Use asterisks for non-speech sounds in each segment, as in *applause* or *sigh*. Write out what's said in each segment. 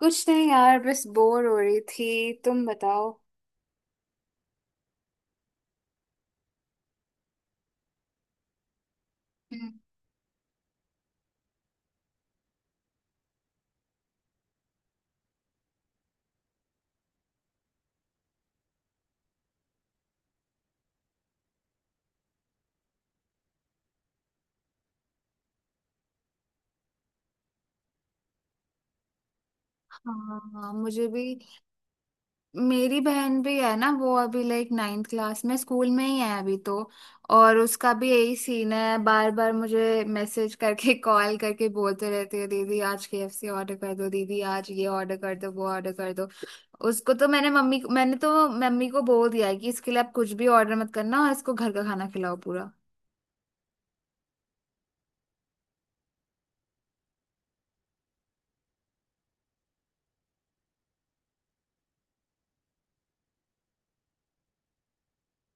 कुछ नहीं यार, बस बोर हो रही थी। तुम बताओ। हम्म। हाँ मुझे भी। मेरी बहन भी है ना, वो अभी लाइक नाइन्थ क्लास में स्कूल में ही है अभी तो। और उसका भी यही सीन है, बार बार मुझे मैसेज करके *laughs* कॉल करके बोलते रहती है दीदी आज KFC ऑर्डर कर दो, दीदी आज ये ऑर्डर कर दो, वो ऑर्डर कर दो। उसको तो मैंने तो मम्मी को बोल दिया है कि इसके लिए आप कुछ भी ऑर्डर मत करना और इसको घर का खाना खिलाओ पूरा।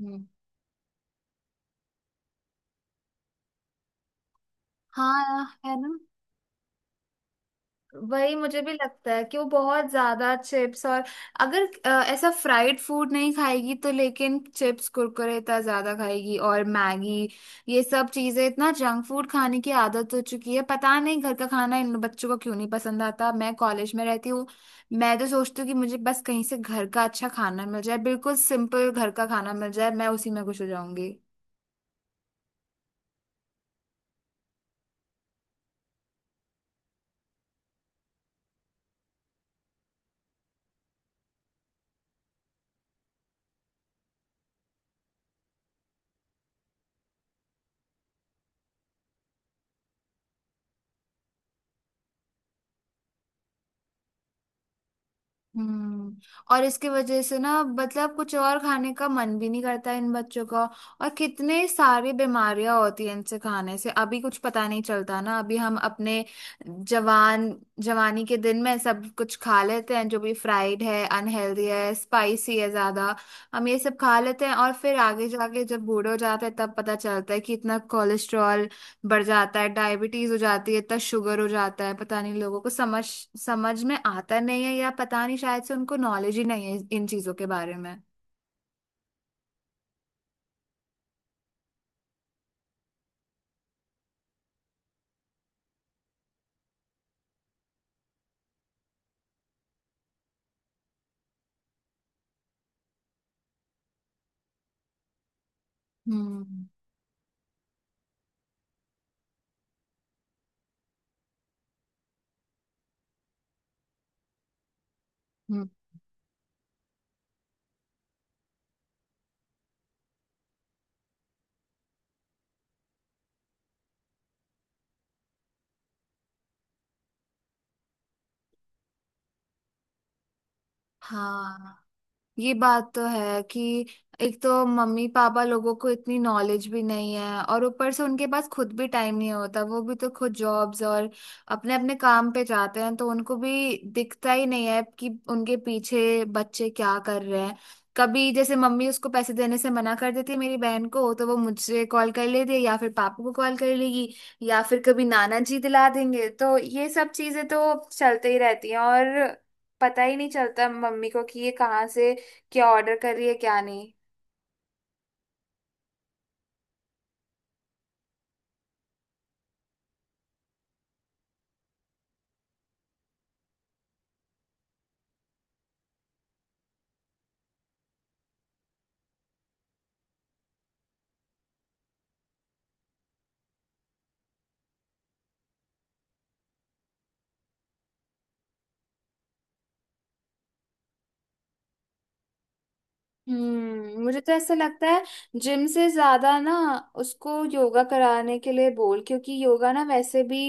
हम्म। हाँ, है ना। वही मुझे भी लगता है कि वो बहुत ज्यादा चिप्स और अगर ऐसा फ्राइड फूड नहीं खाएगी तो, लेकिन चिप्स कुरकुरे इतना ज्यादा खाएगी और मैगी, ये सब चीजें, इतना जंक फूड खाने की आदत हो चुकी है। पता नहीं घर का खाना इन बच्चों को क्यों नहीं पसंद आता। मैं कॉलेज में रहती हूँ, मैं तो सोचती हूँ कि मुझे बस कहीं से घर का अच्छा खाना मिल जाए, बिल्कुल सिंपल घर का खाना मिल जाए, मैं उसी में खुश हो जाऊंगी। हम्म। और इसकी वजह से ना, मतलब कुछ और खाने का मन भी नहीं करता इन बच्चों का। और कितने सारी बीमारियां होती हैं इनसे खाने से। अभी कुछ पता नहीं चलता ना, अभी हम अपने जवान, जवानी के दिन में सब कुछ खा लेते हैं जो भी फ्राइड है, अनहेल्दी है, स्पाइसी है ज्यादा, हम ये सब खा लेते हैं। और फिर आगे जाके जब बूढ़े हो जाते हैं तब पता चलता है कि इतना कोलेस्ट्रॉल बढ़ जाता है, डायबिटीज हो जाती है, इतना शुगर हो जाता है। पता नहीं लोगों को समझ समझ में आता नहीं है, या पता नहीं शायद से उनको नॉलेज ही नहीं है इन चीजों के बारे में। हम्म। हम्म। हाँ, ये बात तो है कि एक तो मम्मी पापा लोगों को इतनी नॉलेज भी नहीं है और ऊपर से उनके पास खुद भी टाइम नहीं होता। वो भी तो खुद जॉब्स और अपने अपने काम पे जाते हैं, तो उनको भी दिखता ही नहीं है कि उनके पीछे बच्चे क्या कर रहे हैं। कभी जैसे मम्मी उसको पैसे देने से मना कर देती है मेरी बहन को, तो वो मुझसे कॉल कर लेती है या फिर पापा को कॉल कर लेगी, या फिर कभी नाना जी दिला देंगे। तो ये सब चीजें तो चलते ही रहती हैं, और पता ही नहीं चलता मम्मी को कि ये कहाँ से क्या ऑर्डर कर रही है, क्या नहीं। हम्म, मुझे तो ऐसा लगता है जिम से ज्यादा ना, उसको योगा कराने के लिए बोल, क्योंकि योगा ना वैसे भी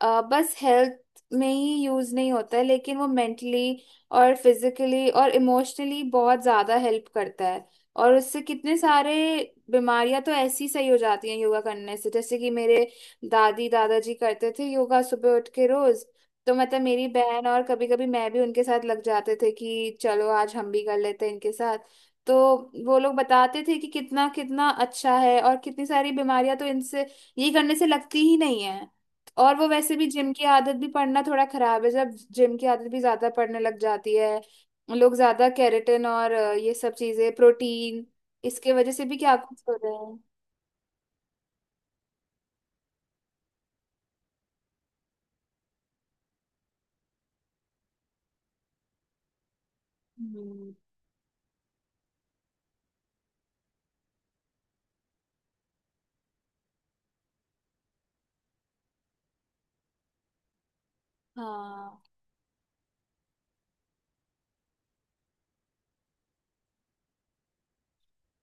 बस हेल्थ में ही यूज नहीं होता है, लेकिन वो मेंटली और फिजिकली और इमोशनली बहुत ज्यादा हेल्प करता है। और उससे कितने सारे बीमारियां तो ऐसी सही हो जाती हैं योगा करने से। जैसे कि मेरे दादी दादाजी करते थे योगा सुबह उठ के रोज, तो मतलब मेरी बहन और कभी कभी मैं भी उनके साथ लग जाते थे कि चलो आज हम भी कर लेते हैं इनके साथ। तो वो लोग बताते थे कि कितना कितना अच्छा है और कितनी सारी बीमारियां तो इनसे, ये करने से लगती ही नहीं है। और वो वैसे भी जिम की आदत भी पड़ना थोड़ा खराब है, जब जिम की आदत भी ज्यादा पड़ने लग जाती है लोग ज्यादा केराटिन और ये सब चीजें प्रोटीन, इसके वजह से भी क्या कुछ हो रहे हैं। हम्म। हाँ।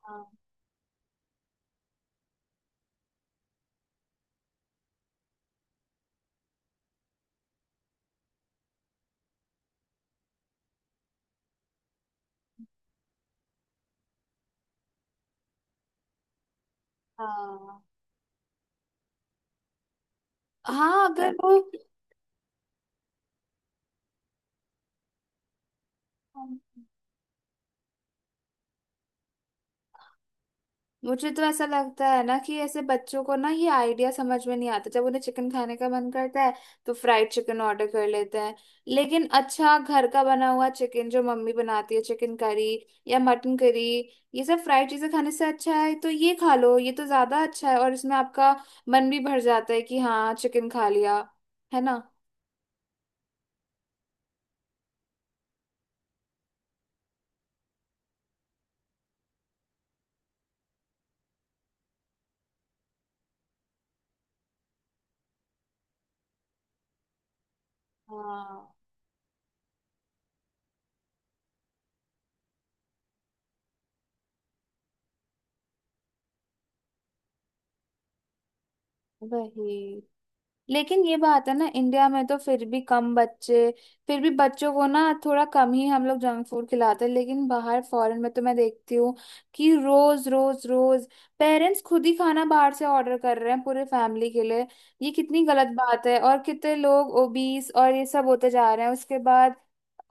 हाँ। हाँ। हाँ अगर वो, मुझे तो ऐसा लगता है ना कि ऐसे बच्चों को ना ये आइडिया समझ में नहीं आता। जब उन्हें चिकन खाने का मन करता है तो फ्राइड चिकन ऑर्डर कर लेते हैं, लेकिन अच्छा घर का बना हुआ चिकन जो मम्मी बनाती है, चिकन करी या मटन करी, ये सब फ्राइड चीजें खाने से अच्छा है तो ये खा लो, ये तो ज्यादा अच्छा है और इसमें आपका मन भी भर जाता है कि हाँ चिकन खा लिया, है ना। हाँ वही। लेकिन ये बात है ना, इंडिया में तो फिर भी कम बच्चे, फिर भी बच्चों को ना थोड़ा कम ही हम लोग जंक फूड खिलाते हैं। लेकिन बाहर फॉरेन में तो मैं देखती हूँ कि रोज रोज रोज पेरेंट्स खुद ही खाना बाहर से ऑर्डर कर रहे हैं पूरे फैमिली के लिए। ये कितनी गलत बात है, और कितने लोग ओबीस और ये सब होते जा रहे हैं, उसके बाद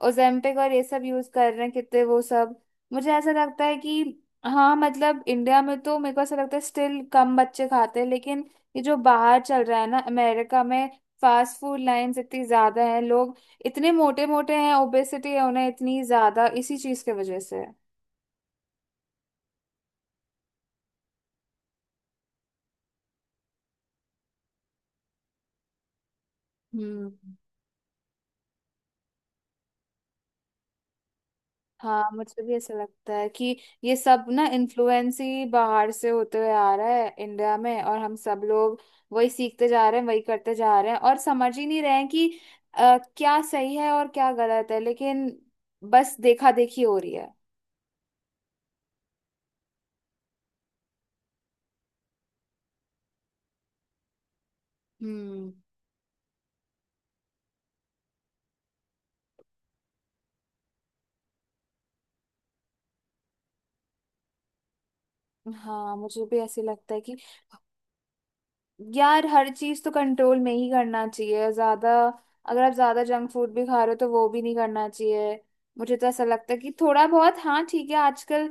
ओजेम्पिक और ये सब यूज कर रहे हैं कितने वो सब। मुझे ऐसा लगता है कि हाँ मतलब इंडिया में तो मेरे को ऐसा लगता है स्टिल कम बच्चे खाते हैं, लेकिन ये जो बाहर चल रहा है ना अमेरिका में, फास्ट फूड लाइन्स इतनी ज्यादा है, लोग इतने मोटे मोटे हैं, ओबेसिटी है उन्हें इतनी ज्यादा, इसी चीज के वजह से। हम्म। हाँ मुझे भी ऐसा लगता है कि ये सब ना इन्फ्लुएंस ही बाहर से होते हुए आ रहा है इंडिया में, और हम सब लोग वही सीखते जा रहे हैं, वही करते जा रहे हैं, और समझ ही नहीं रहे हैं कि क्या सही है और क्या गलत है, लेकिन बस देखा देखी हो रही है। हम्म। हाँ मुझे भी ऐसे लगता है कि यार हर चीज तो कंट्रोल में ही करना चाहिए। ज्यादा अगर आप ज्यादा जंक फूड भी खा रहे हो तो वो भी नहीं करना चाहिए। मुझे तो ऐसा लगता है कि थोड़ा बहुत हाँ ठीक है, आजकल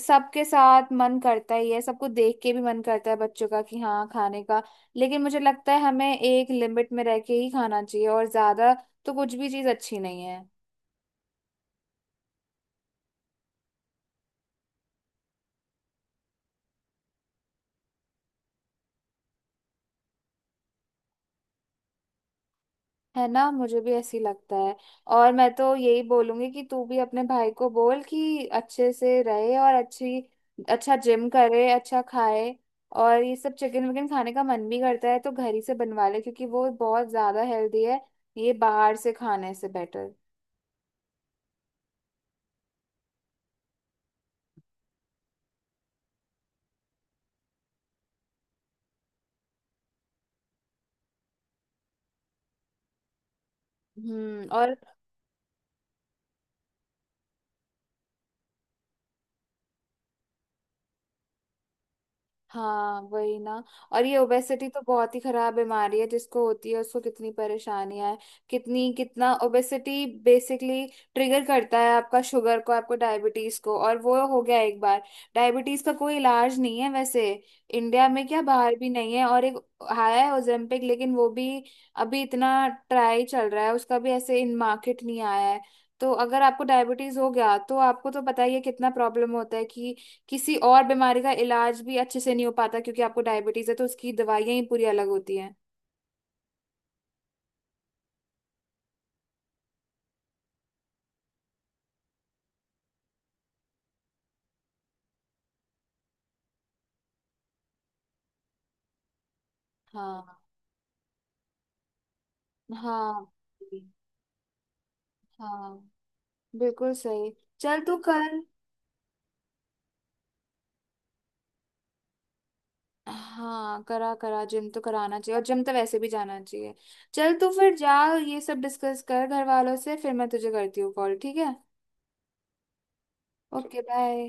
सबके साथ मन करता ही है, सबको देख के भी मन करता है बच्चों का कि हाँ खाने का, लेकिन मुझे लगता है हमें एक लिमिट में रह के ही खाना चाहिए, और ज्यादा तो कुछ भी चीज अच्छी नहीं है। है ना, मुझे भी ऐसी लगता है। और मैं तो यही बोलूंगी कि तू भी अपने भाई को बोल कि अच्छे से रहे और अच्छी अच्छा जिम करे, अच्छा खाए, और ये सब चिकन विकन खाने का मन भी करता है तो घर ही से बनवा ले, क्योंकि वो बहुत ज्यादा हेल्दी है, ये बाहर से खाने से बेटर। हम्म। और हाँ वही ना। और ये ओबेसिटी तो बहुत ही खराब बीमारी है, जिसको होती है उसको कितनी परेशानियां है। कितनी, कितना ओबेसिटी बेसिकली ट्रिगर करता है आपका शुगर को, आपको डायबिटीज को। और वो हो गया एक बार, डायबिटीज का कोई इलाज नहीं है वैसे, इंडिया में क्या बाहर भी नहीं है। और एक आया है ओजेम्पिक, लेकिन वो भी अभी इतना ट्राई चल रहा है, उसका भी ऐसे इन मार्केट नहीं आया है। तो अगर आपको डायबिटीज हो गया तो आपको तो पता ही है कितना प्रॉब्लम होता है कि किसी और बीमारी का इलाज भी अच्छे से नहीं हो पाता, क्योंकि आपको डायबिटीज है तो उसकी दवाइयां ही पूरी अलग होती हैं। हाँ। हाँ। हाँ, बिल्कुल सही। चल तू कल, हाँ करा करा, जिम तो कराना चाहिए, और जिम तो वैसे भी जाना चाहिए। चल तू फिर जा, ये सब डिस्कस कर घर वालों से, फिर मैं तुझे करती हूँ कॉल, ठीक है। Okay bye.